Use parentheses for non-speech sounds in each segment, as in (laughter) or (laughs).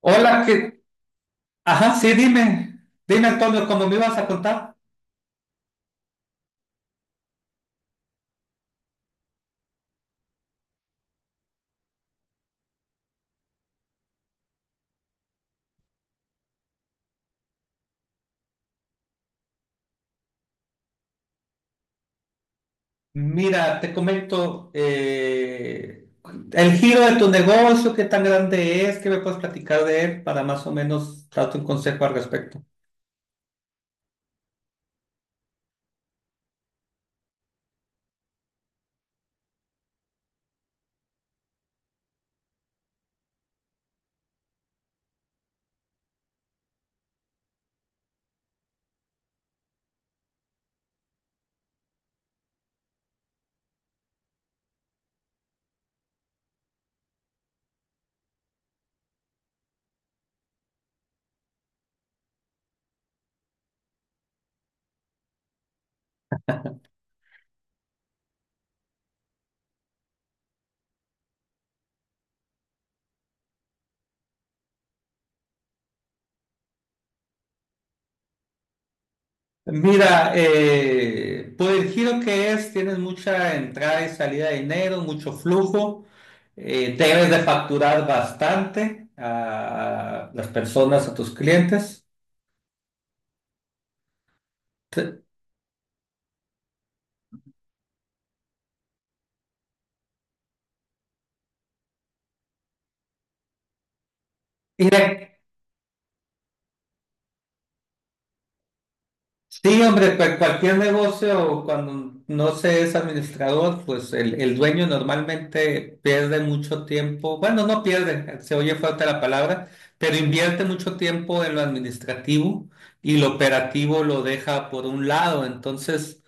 Hola, que... Ajá, sí, dime. Dime, Antonio, ¿cómo me ibas a contar? Mira, te comento el giro de tu negocio, qué tan grande es, qué me puedes platicar de él para más o menos darte un consejo al respecto. Mira, por el giro que es, tienes mucha entrada y salida de dinero, mucho flujo, debes de facturar bastante a las personas, a tus clientes. Te- Y de sí, hombre, pues cualquier negocio cuando no se es administrador, pues el dueño normalmente pierde mucho tiempo, bueno, no pierde, se oye fuerte la palabra, pero invierte mucho tiempo en lo administrativo y lo operativo lo deja por un lado. Entonces,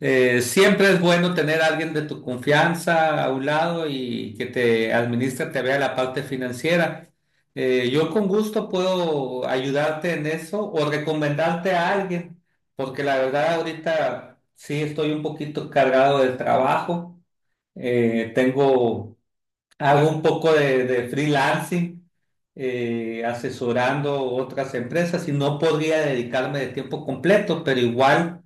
eh, siempre es bueno tener a alguien de tu confianza a un lado y que te administre, te vea la parte financiera. Yo con gusto puedo ayudarte en eso o recomendarte a alguien, porque la verdad ahorita sí estoy un poquito cargado de trabajo. Tengo, hago un poco de freelancing asesorando otras empresas y no podría dedicarme de tiempo completo, pero igual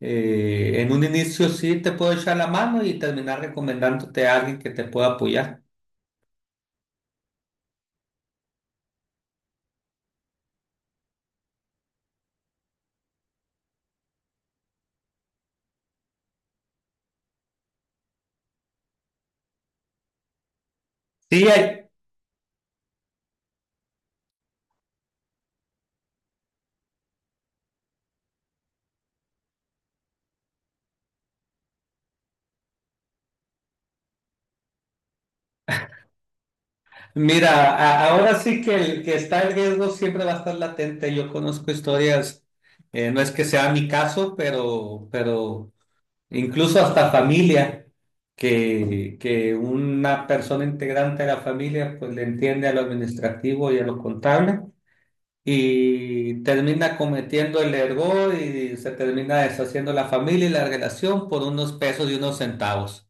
en un inicio sí te puedo echar la mano y terminar recomendándote a alguien que te pueda apoyar. Sí, hay- mira, a- ahora sí que el que está en riesgo siempre va a estar latente. Yo conozco historias, no es que sea mi caso, pero incluso hasta familia, que una persona integrante de la familia pues le entiende a lo administrativo y a lo contable y termina cometiendo el error y se termina deshaciendo la familia y la relación por unos pesos y unos centavos.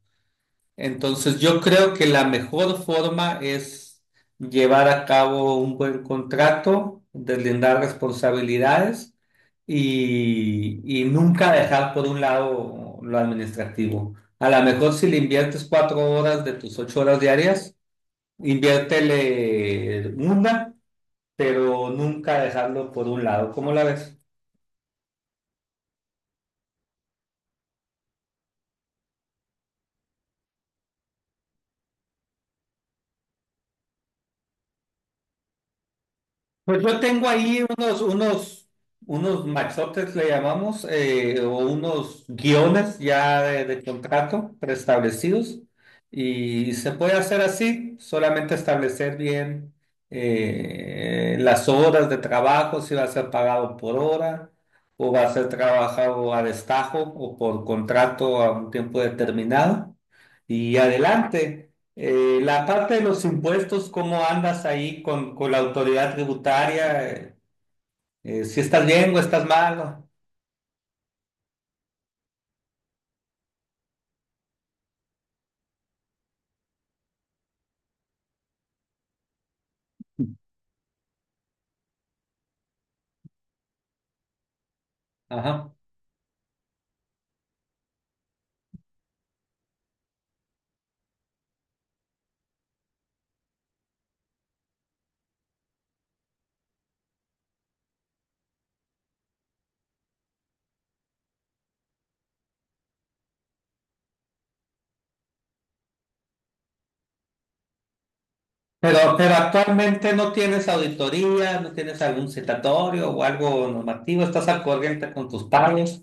Entonces, yo creo que la mejor forma es llevar a cabo un buen contrato, deslindar responsabilidades y nunca dejar por un lado lo administrativo. A lo mejor si le inviertes cuatro horas de tus ocho horas diarias, inviértele una, pero nunca dejarlo por un lado. ¿Cómo la ves? Pues yo tengo ahí unos, unos, unos maxotes, le llamamos, o unos guiones ya de contrato preestablecidos y se puede hacer así, solamente establecer bien las horas de trabajo, si va a ser pagado por hora o va a ser trabajado a destajo o por contrato a un tiempo determinado y adelante. La parte de los impuestos, ¿cómo andas ahí con la autoridad tributaria? ¿Si estás bien o estás malo? Ajá. Pero actualmente no tienes auditoría, no tienes algún citatorio o algo normativo, ¿estás al corriente con tus pagos?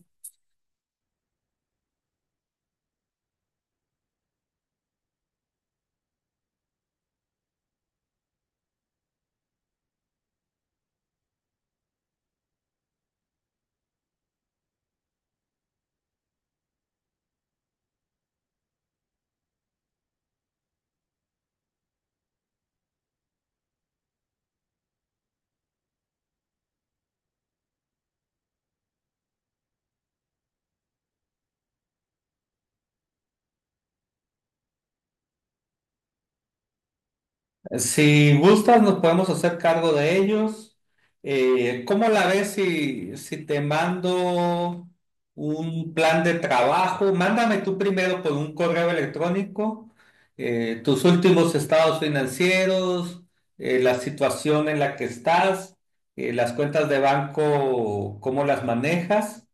Si gustas, nos podemos hacer cargo de ellos. ¿Cómo la ves si, si te mando un plan de trabajo? Mándame tú primero por un correo electrónico tus últimos estados financieros, la situación en la que estás, las cuentas de banco, cómo las manejas.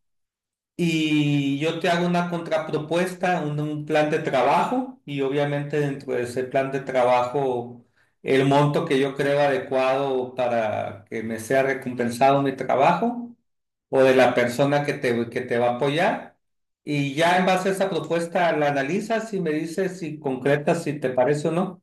Y yo te hago una contrapropuesta, un plan de trabajo y obviamente dentro de ese plan de trabajo el monto que yo creo adecuado para que me sea recompensado mi trabajo o de la persona que te va a apoyar. Y ya en base a esa propuesta la analizas y me dices si concretas, si te parece o no.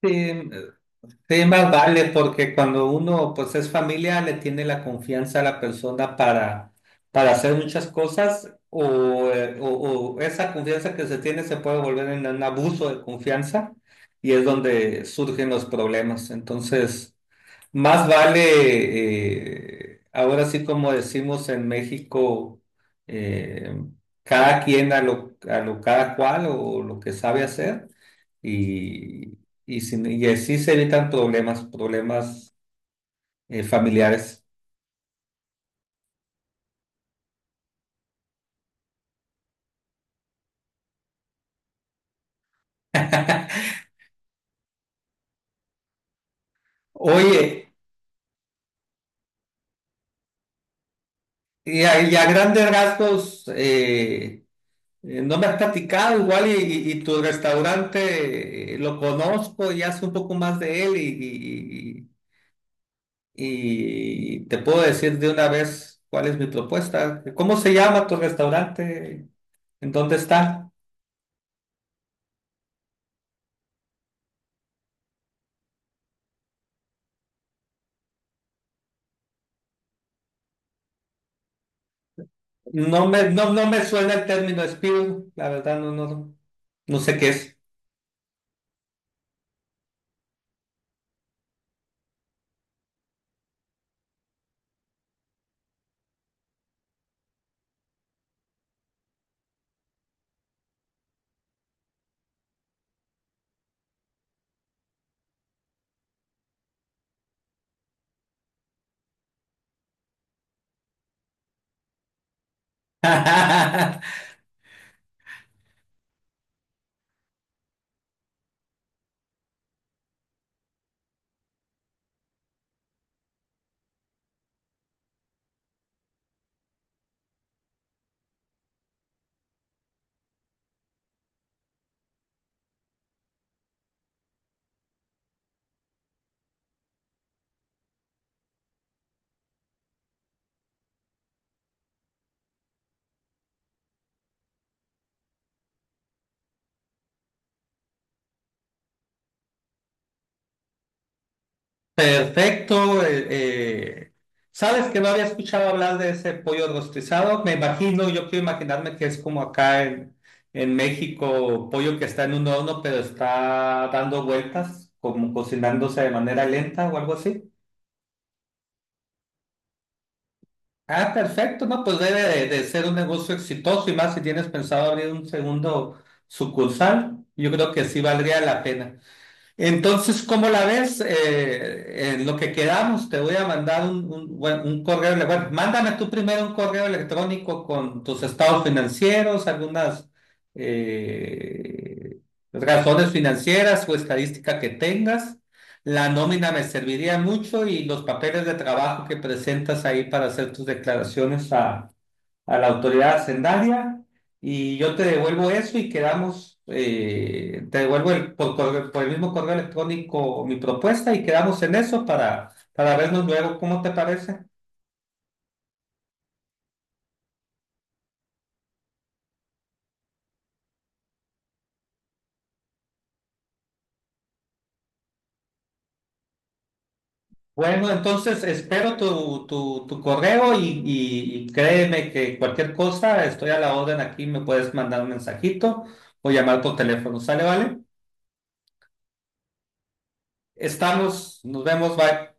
Sí, sí, más vale, porque cuando uno pues es familia, le tiene la confianza a la persona para hacer muchas cosas o esa confianza que se tiene se puede volver en un abuso de confianza y es donde surgen los problemas. Entonces, más vale, ahora sí como decimos en México, eh, cada quien a lo cada cual o lo que sabe hacer y, y, sin- y así se evitan problemas familiares. (laughs) Oye, y a grandes rasgos, no me has platicado igual y tu restaurante lo conozco y hace un poco más de él y te puedo decir de una vez cuál es mi propuesta. ¿Cómo se llama tu restaurante? ¿En dónde está? No me, no, no me suena el término espíritu, la verdad no, no, no sé qué es. (laughs) Perfecto. ¿Sabes que no había escuchado hablar de ese pollo rostizado? Me imagino, yo quiero imaginarme que es como acá en México, pollo que está en un horno, pero está dando vueltas, como cocinándose de manera lenta o algo así. Ah, perfecto, no, pues debe de ser un negocio exitoso y más si tienes pensado abrir un segundo sucursal, yo creo que sí valdría la pena. Entonces, ¿cómo la ves? En lo que quedamos, te voy a mandar un, bueno, un correo. Ele- bueno, mándame tú primero un correo electrónico con tus estados financieros, algunas eh, razones financieras o estadística que tengas. La nómina me serviría mucho y los papeles de trabajo que presentas ahí para hacer tus declaraciones a la autoridad hacendaria y yo te devuelvo eso y quedamos, te devuelvo el- por, correo- por el mismo correo electrónico mi propuesta y quedamos en eso para vernos luego, ¿cómo te parece? Bueno, entonces espero tu, tu, tu correo y créeme que cualquier cosa, estoy a la orden aquí, me puedes mandar un mensajito o llamar por teléfono, ¿sale, vale? Estamos, nos vemos, bye.